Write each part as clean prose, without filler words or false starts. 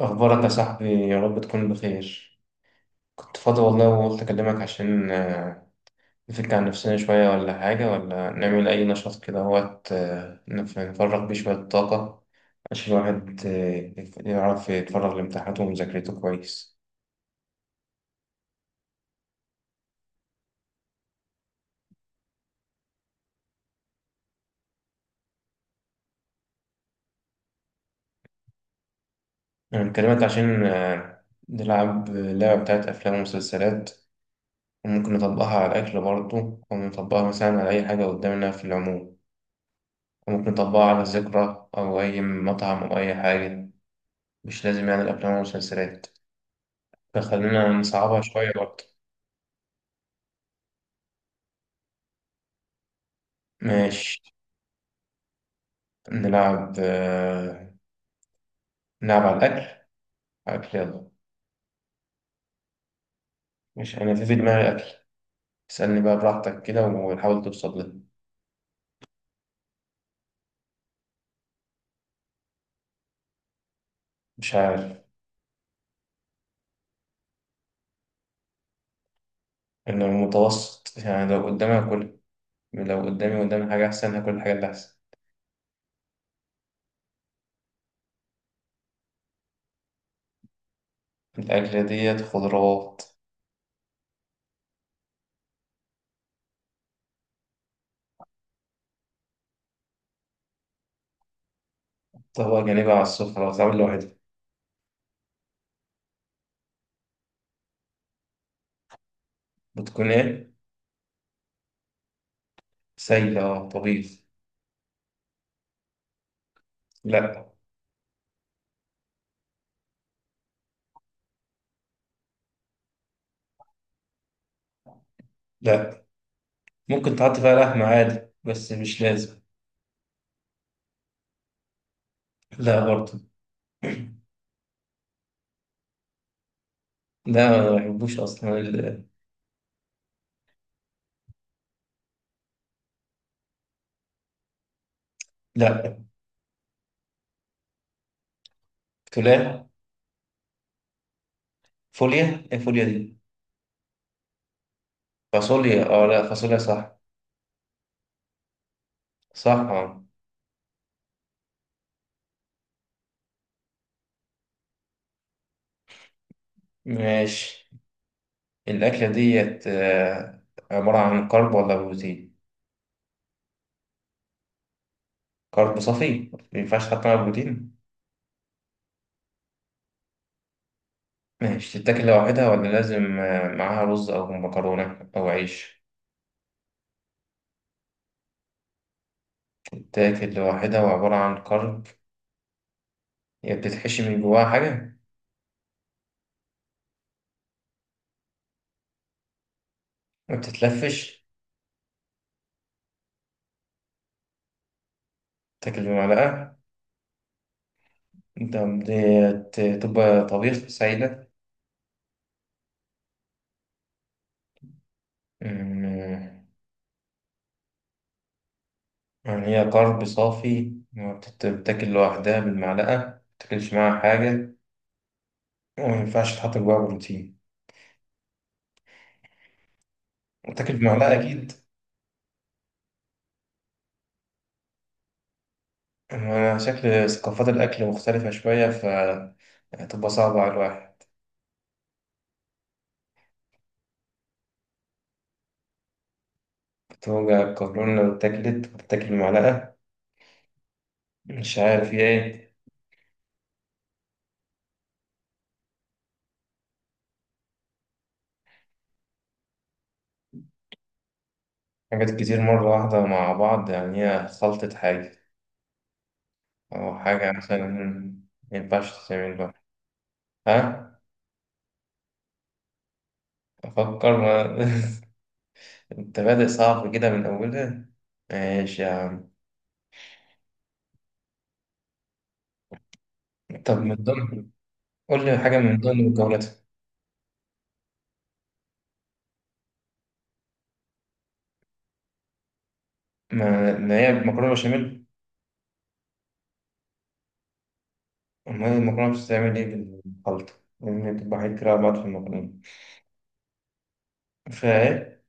أخبارك يا صاحبي؟ يا رب تكون بخير. كنت فاضي والله وقلت أكلمك عشان نفك عن نفسنا شوية، ولا حاجة، ولا نعمل أي نشاط كده وقت نفرغ بيه شوية طاقة، عشان الواحد يعرف يتفرغ لامتحاناته ومذاكرته كويس. أنا بكلمك عشان نلعب لعبة بتاعت أفلام ومسلسلات، وممكن نطبقها على الأكل برضه، ونطبقها مثلا على أي حاجة قدامنا في العموم، وممكن نطبقها على ذكرى أو أي مطعم أو أي حاجة. مش لازم يعني الأفلام والمسلسلات، فخلينا نصعبها شوية برضه. ماشي. نلعب نلعب على الأكل. أكل، يلا. مش أنا في دماغي أكل. اسألني بقى براحتك كده وحاول توصل لي. مش عارف، إنه المتوسط، يعني لو قدامي هاكل، لو قدامي حاجة أحسن هاكل الحاجة اللي أحسن. الأكلة ديت خضروات. طبق جانبي على السفرة، بتتعمل لوحدها. بتكون إيه؟ سايلة، طبيخ. لأ. لأ، ممكن تحط فيها لحمة عادي بس مش لازم. لا برضه. ده ما بحبوش اصلا لا. تولاه. فوليا، ايه فوليا دي؟ فاصوليا، اه لا فاصوليا صح. صح، اه. ماشي. الاكله ديت عباره عن كرب ولا بروتين؟ كرب صافي، ما ينفعش تحط معاها بروتين. ماشي، تتاكل لوحدها ولا لازم معاها رز او مكرونه او عيش؟ تتاكل لوحدها وعباره عن كرب. هي بتتحشي من جواها حاجه؟ ما بتتلفش. تاكل بمعلقه انت؟ بتبقى طبيخ سايله؟ أمم، يعني هي طرب صافي، ما بتت- بتاكل لوحدها بالمعلقة، ما بتاكلش معاها حاجة، وما ينفعش تحط جواها بروتين، وتاكل بمعلقة أكيد. أنا شكل ثقافات الأكل مختلفة شوية، فتبقى صعبة على الواحد. بتوجع القولون لو اتاكلت؟ بتاكل بمعلقة، مش عارف هي إيه. حاجات كتير مرة واحدة مع بعض، يعني هي خلطة حاجة أو حاجة مثلا، ما ينفعش تتعمل لوحدها. ها؟ أفكر ما انت بادئ صعب كده من اولها. ماشي يا عم. طب من ضمن، قول لي حاجه من ضمن مكوناتها. ما هي مكرونه بشاميل؟ امال المكرونه بتتعمل ايه بالخلطه؟ لان بتبقى حاجات كتير على بعض في المكرونه. فايه؟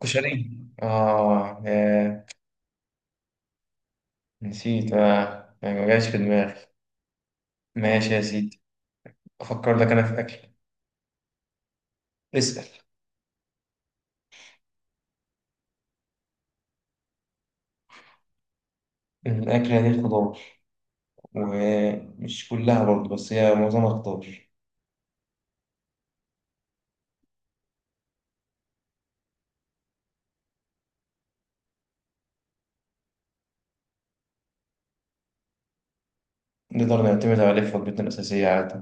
كشري؟ اه يا، نسيت، اه يعني ما جاش في دماغي. ماشي يا سيدي. افكر لك انا في اكل. اسال. الاكله دي خضار، ومش كلها برضه بس هي معظمها خضار. نقدر نعتمد عليه في وجبتنا الاساسيه عادي.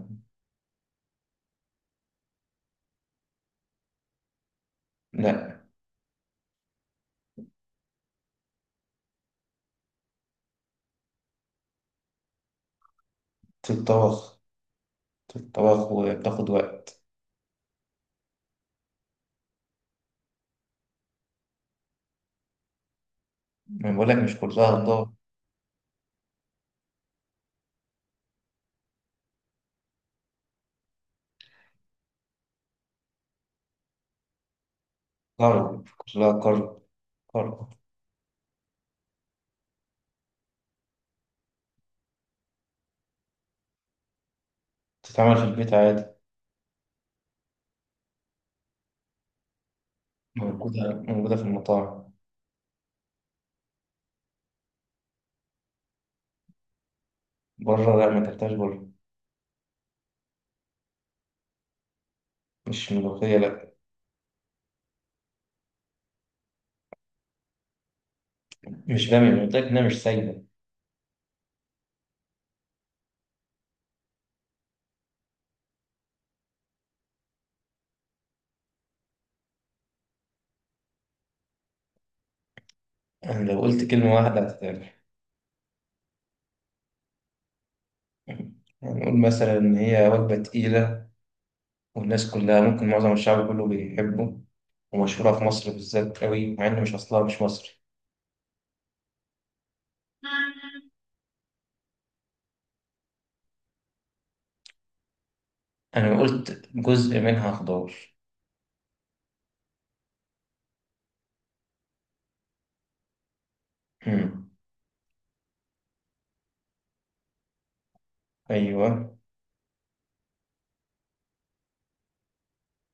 لا. في الطبخ، الطبخ وبتاخد وقت. يعني بقول لك مش كلها ضغط. ضرب كلها كرب. كرب. بتتعمل في البيت عادي. موجودة في المطاعم. بره؟ لا، ما تحتاج بره. مش ملوخية، لا. مش بامية، أنا قلت لك إنها مش سايبة. أنا لو قلت كلمة واحدة هتتعمل. يعني نقول مثلا إن هي وجبة تقيلة، والناس كلها ممكن، معظم الشعب كله بيحبه، ومشهورة في مصر بالذات قوي، مع إن مش أصلها، مش مصري. أنا قلت جزء منها خضار. أمم. أيوه.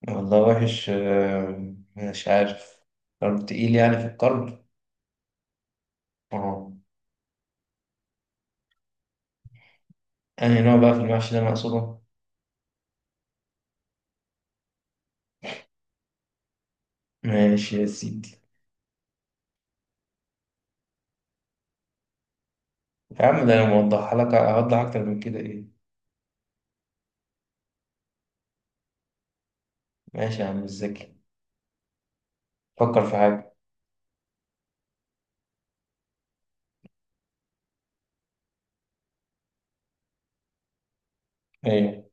والله وحش، مش عارف. طب تقيل يعني في القلب؟ اه. أنهي نوع بقى في المحشي اللي أنا أقصده؟ ماشي يا سيدي. يا عم ده أنا موضحها لك أوضح أكتر من كده إيه؟ ماشي يا عم، مش ذكي. فكر في حاجة. إيه؟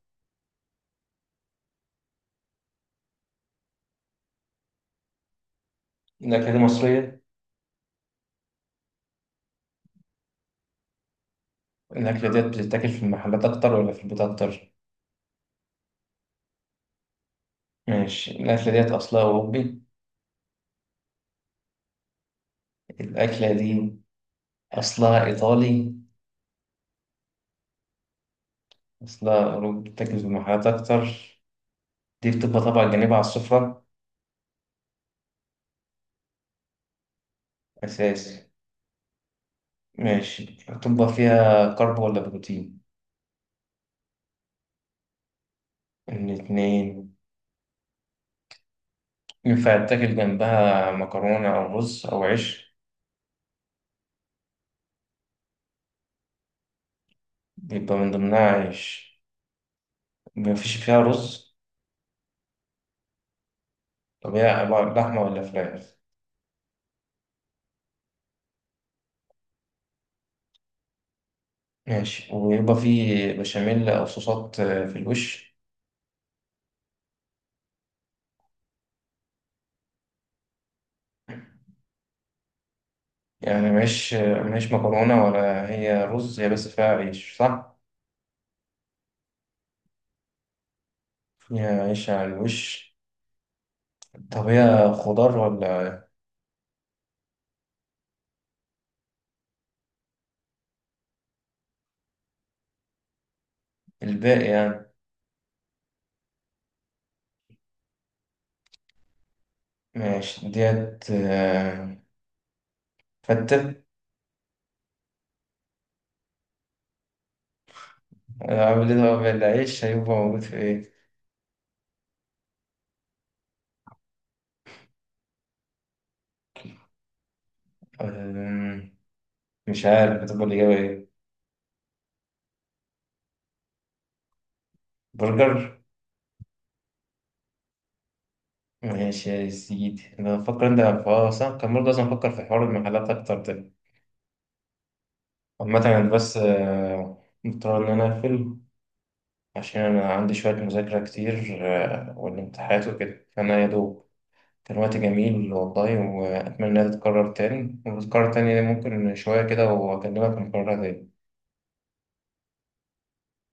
الأكلة دي مصرية. الأكلة ديت بتتاكل في المحلات أكتر ولا في البيت أكتر؟ ماشي الأكلة ديت أصلها أوروبي. الأكلة دي أصلها إيطالي. أصلها أوروبي، بتتاكل في المحلات أكتر. دي بتبقى طبعا جانبها على السفرة. أساسي. ماشي، هتبقى فيها كرب ولا بروتين؟ الاتنين. ينفع يتاكل جنبها مكرونة أو رز أو عيش؟ يبقى من ضمنها عيش، مفيش فيها رز. طب هي لحمة ولا فراخ؟ ماشي، ويبقى فيه بشاميل أو صوصات في الوش؟ يعني مش مكرونة ولا هي رز، هي بس فيها عيش صح؟ فيها عيش على الوش. طب هي خضار ولا؟ الباقي يعني. ماشي، ديت فتة. عامل ايه بقى العيش، هيبقى موجود في ايه؟ أمم، مش عارف هتبقى الإجابة ايه؟ برجر؟ ماشي يا سيدي، أنا بفكر، أنت اه صح، كان برضه لازم أفكر في حوار المحلات أكتر ده. عامة أنا بس مضطر إن أنا أقفل، عشان أنا عندي شوية مذاكرة كتير، والامتحانات وكده، فأنا يا دوب. كان وقت جميل والله، وأتمنى إنها تتكرر تاني، وتتكرر تاني ممكن شوية كده، وأكلمك نكررها تاني.